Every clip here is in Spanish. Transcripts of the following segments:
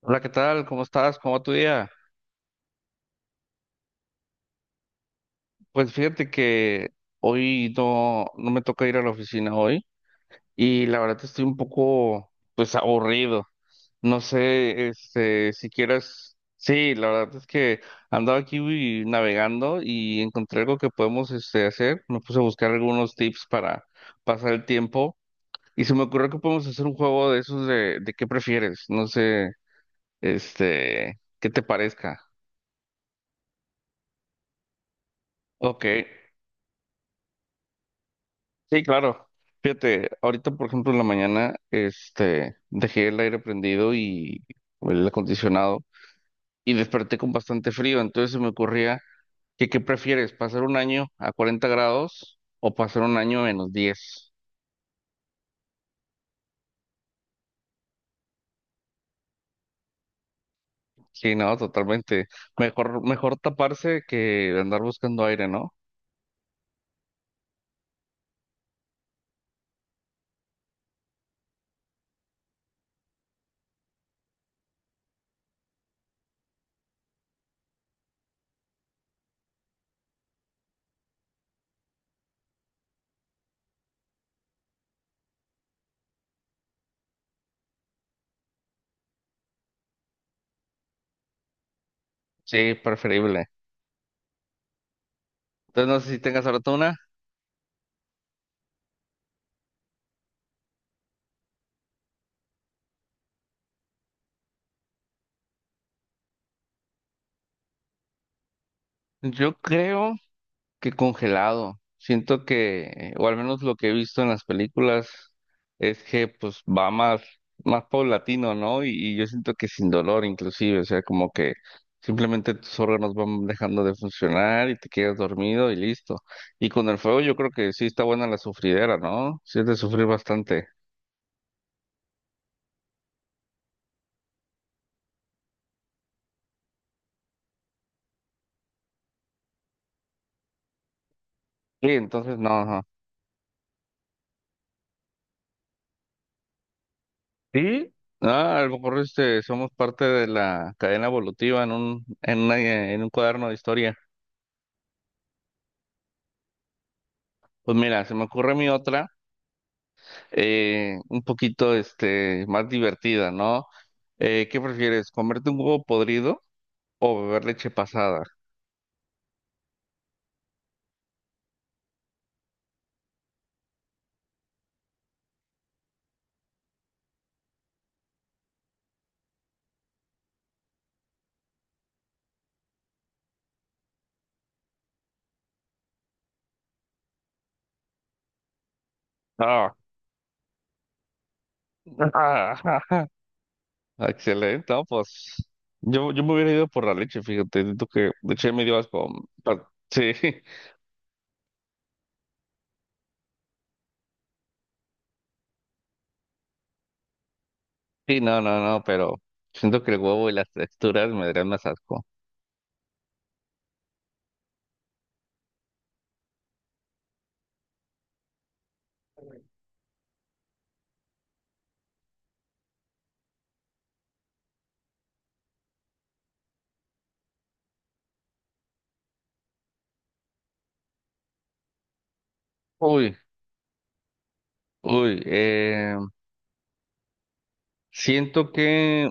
Hola, ¿qué tal? ¿Cómo estás? ¿Cómo va tu día? Pues fíjate que hoy no me toca ir a la oficina hoy y la verdad estoy un poco, pues, aburrido. No sé, si quieras... Sí, la verdad es que andaba aquí uy, navegando y encontré algo que podemos, hacer. Me puse a buscar algunos tips para pasar el tiempo y se me ocurrió que podemos hacer un juego de esos de qué prefieres. No sé, qué te parezca. Ok. Sí, claro. Fíjate, ahorita, por ejemplo, en la mañana, dejé el aire prendido y o el acondicionado y desperté con bastante frío. Entonces se me ocurría que, ¿qué prefieres? ¿Pasar un año a 40 grados o pasar un año a -10? Sí, no, totalmente. Mejor, mejor taparse que andar buscando aire, ¿no? Sí, preferible. Entonces, no sé si tengas ahora tú una. Yo creo que congelado. Siento que, o al menos lo que he visto en las películas, es que pues va más, más paulatino, ¿no? Y yo siento que sin dolor inclusive, o sea, como que simplemente tus órganos van dejando de funcionar y te quedas dormido y listo. Y con el fuego yo creo que sí está buena la sufridera, ¿no? Sí es de sufrir bastante. Sí, entonces no, no. Sí, ah, a lo mejor somos parte de la cadena evolutiva en un cuaderno de historia. Pues mira, se me ocurre mi otra. Un poquito más divertida, ¿no? ¿Qué prefieres, comerte un huevo podrido o beber leche pasada? Ah, excelente, ¿no? Pues yo me hubiera ido por la leche, fíjate, siento que leche me dio asco. Sí, sí, no, no, no, pero siento que el huevo y las texturas me darían más asco. Uy, uy, siento que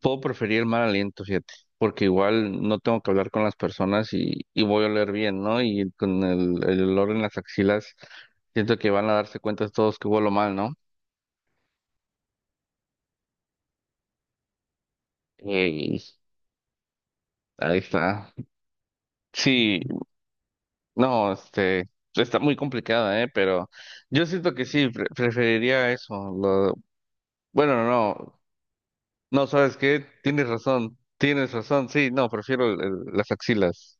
puedo preferir mal aliento, fíjate, porque igual no tengo que hablar con las personas y voy a oler bien, ¿no? Y con el olor en las axilas, siento que van a darse cuenta todos que huelo mal, ¿no? Ey, ahí está. Sí, no, está muy complicada, ¿eh? Pero yo siento que sí, preferiría eso. lo- bueno, no, no, ¿sabes qué? Tienes razón, sí, no, prefiero las axilas.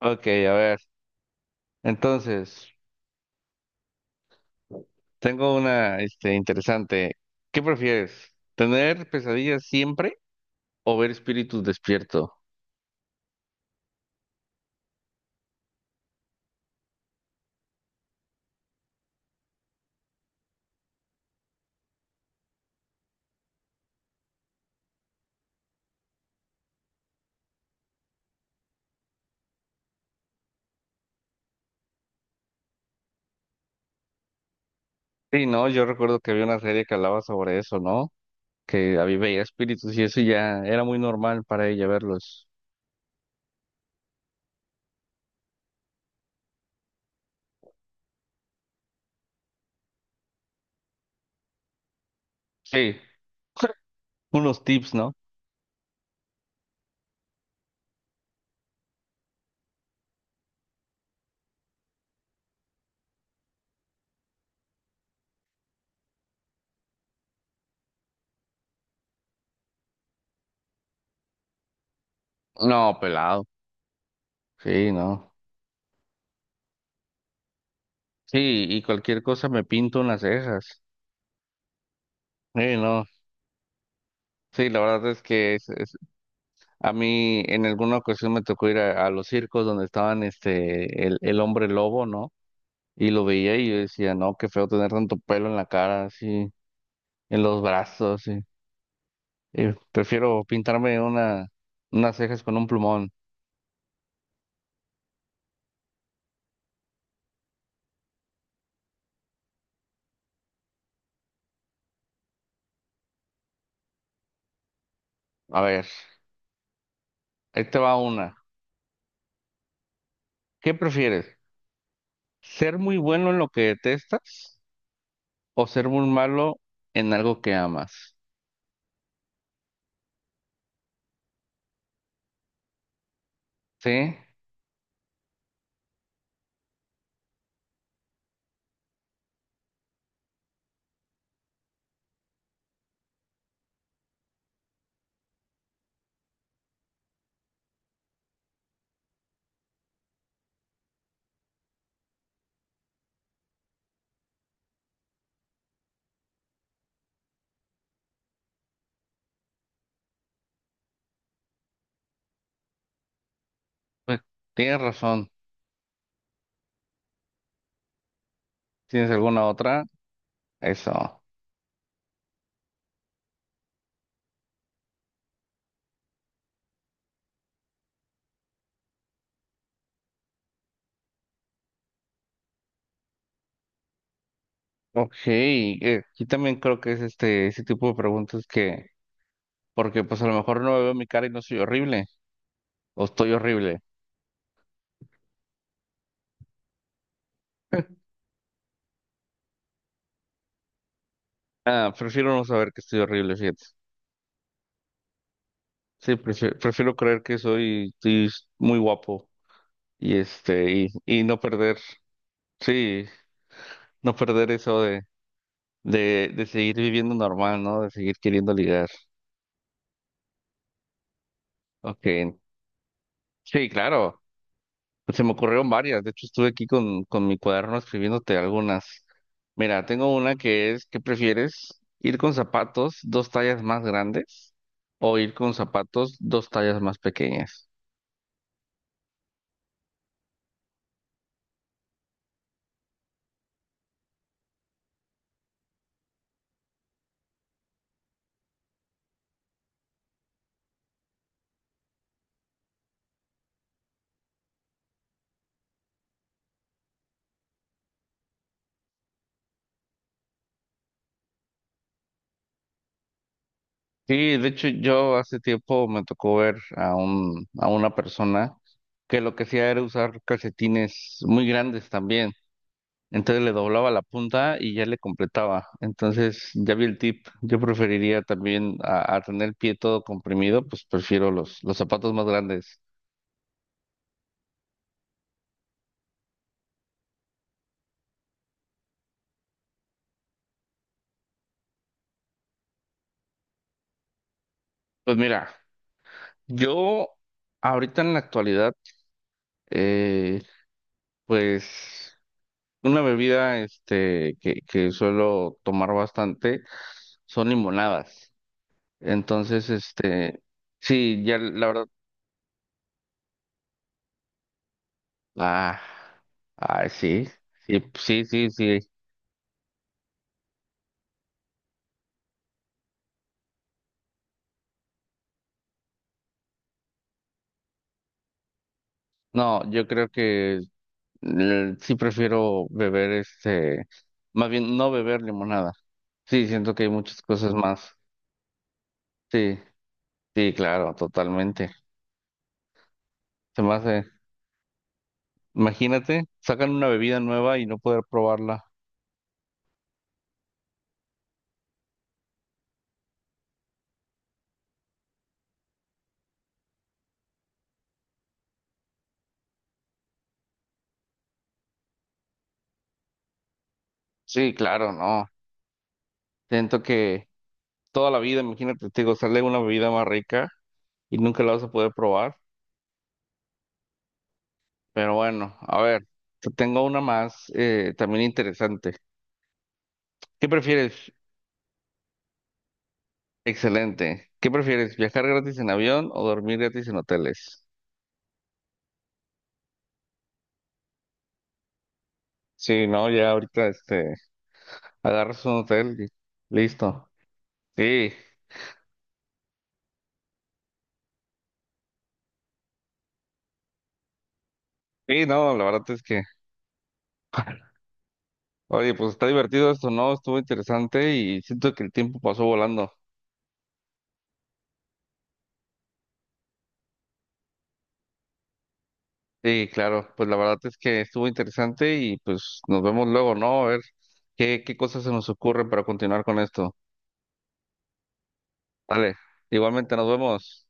Ok, a ver, entonces. Tengo una, interesante. ¿Qué prefieres? ¿Tener pesadillas siempre o ver espíritus despierto? Sí, no, yo recuerdo que había una serie que hablaba sobre eso, ¿no? Que había veía espíritus y eso ya era muy normal para ella verlos. Sí, unos tips, ¿no? No, pelado. Sí, no. Sí, y cualquier cosa me pinto unas cejas. Sí, no. Sí, la verdad es que a mí en alguna ocasión me tocó ir a los circos donde estaban el hombre lobo, ¿no? Y lo veía y yo decía, no, qué feo tener tanto pelo en la cara, así, en los brazos, así. Prefiero pintarme unas cejas con un plumón. A ver, ahí te va una. ¿Qué prefieres? ¿Ser muy bueno en lo que detestas o ser muy malo en algo que amas? Sí, pues tienes razón. ¿Tienes alguna otra? Eso. Ok, aquí también creo que es ese tipo de preguntas que, porque pues a lo mejor no veo mi cara y no soy horrible, o estoy horrible. Ah, prefiero no saber que estoy horrible, fíjate. Sí, prefiero, prefiero creer que soy, estoy muy guapo y este, y, y no perder, sí, no perder eso de seguir viviendo normal, ¿no? De seguir queriendo ligar. Ok. Sí, claro. Pues se me ocurrieron varias. De hecho, estuve aquí con mi cuaderno escribiéndote algunas. Mira, tengo una que es, ¿qué prefieres? ¿Ir con zapatos 2 tallas más grandes o ir con zapatos 2 tallas más pequeñas? Sí, de hecho yo hace tiempo me tocó ver a un, a una persona que lo que hacía era usar calcetines muy grandes también. Entonces le doblaba la punta y ya le completaba. Entonces ya vi el tip. Yo preferiría también a tener el pie todo comprimido, pues prefiero los zapatos más grandes. Pues mira, yo ahorita en la actualidad, eh, pues una bebida que suelo tomar bastante son limonadas. Entonces, sí, ya la verdad, ah, ah, sí, sí, sí, sí, sí. No, yo creo que sí prefiero beber más bien no beber limonada. Sí, siento que hay muchas cosas más. Sí, sí, claro, totalmente. Se me hace, imagínate, sacan una bebida nueva y no poder probarla. Sí, claro, no. Siento que toda la vida, imagínate, te digo, sale una bebida más rica y nunca la vas a poder probar. Pero bueno, a ver, te tengo una más también interesante. ¿Qué prefieres? Excelente. ¿Qué prefieres? ¿Viajar gratis en avión o dormir gratis en hoteles? Sí, no, ya ahorita agarras un hotel y listo. Sí, sí, no, la verdad es que, oye, pues está divertido esto, ¿no? Estuvo interesante y siento que el tiempo pasó volando. Sí, claro, pues la verdad es que estuvo interesante y pues nos vemos luego, ¿no? A ver qué, qué cosas se nos ocurren para continuar con esto. Dale, igualmente nos vemos.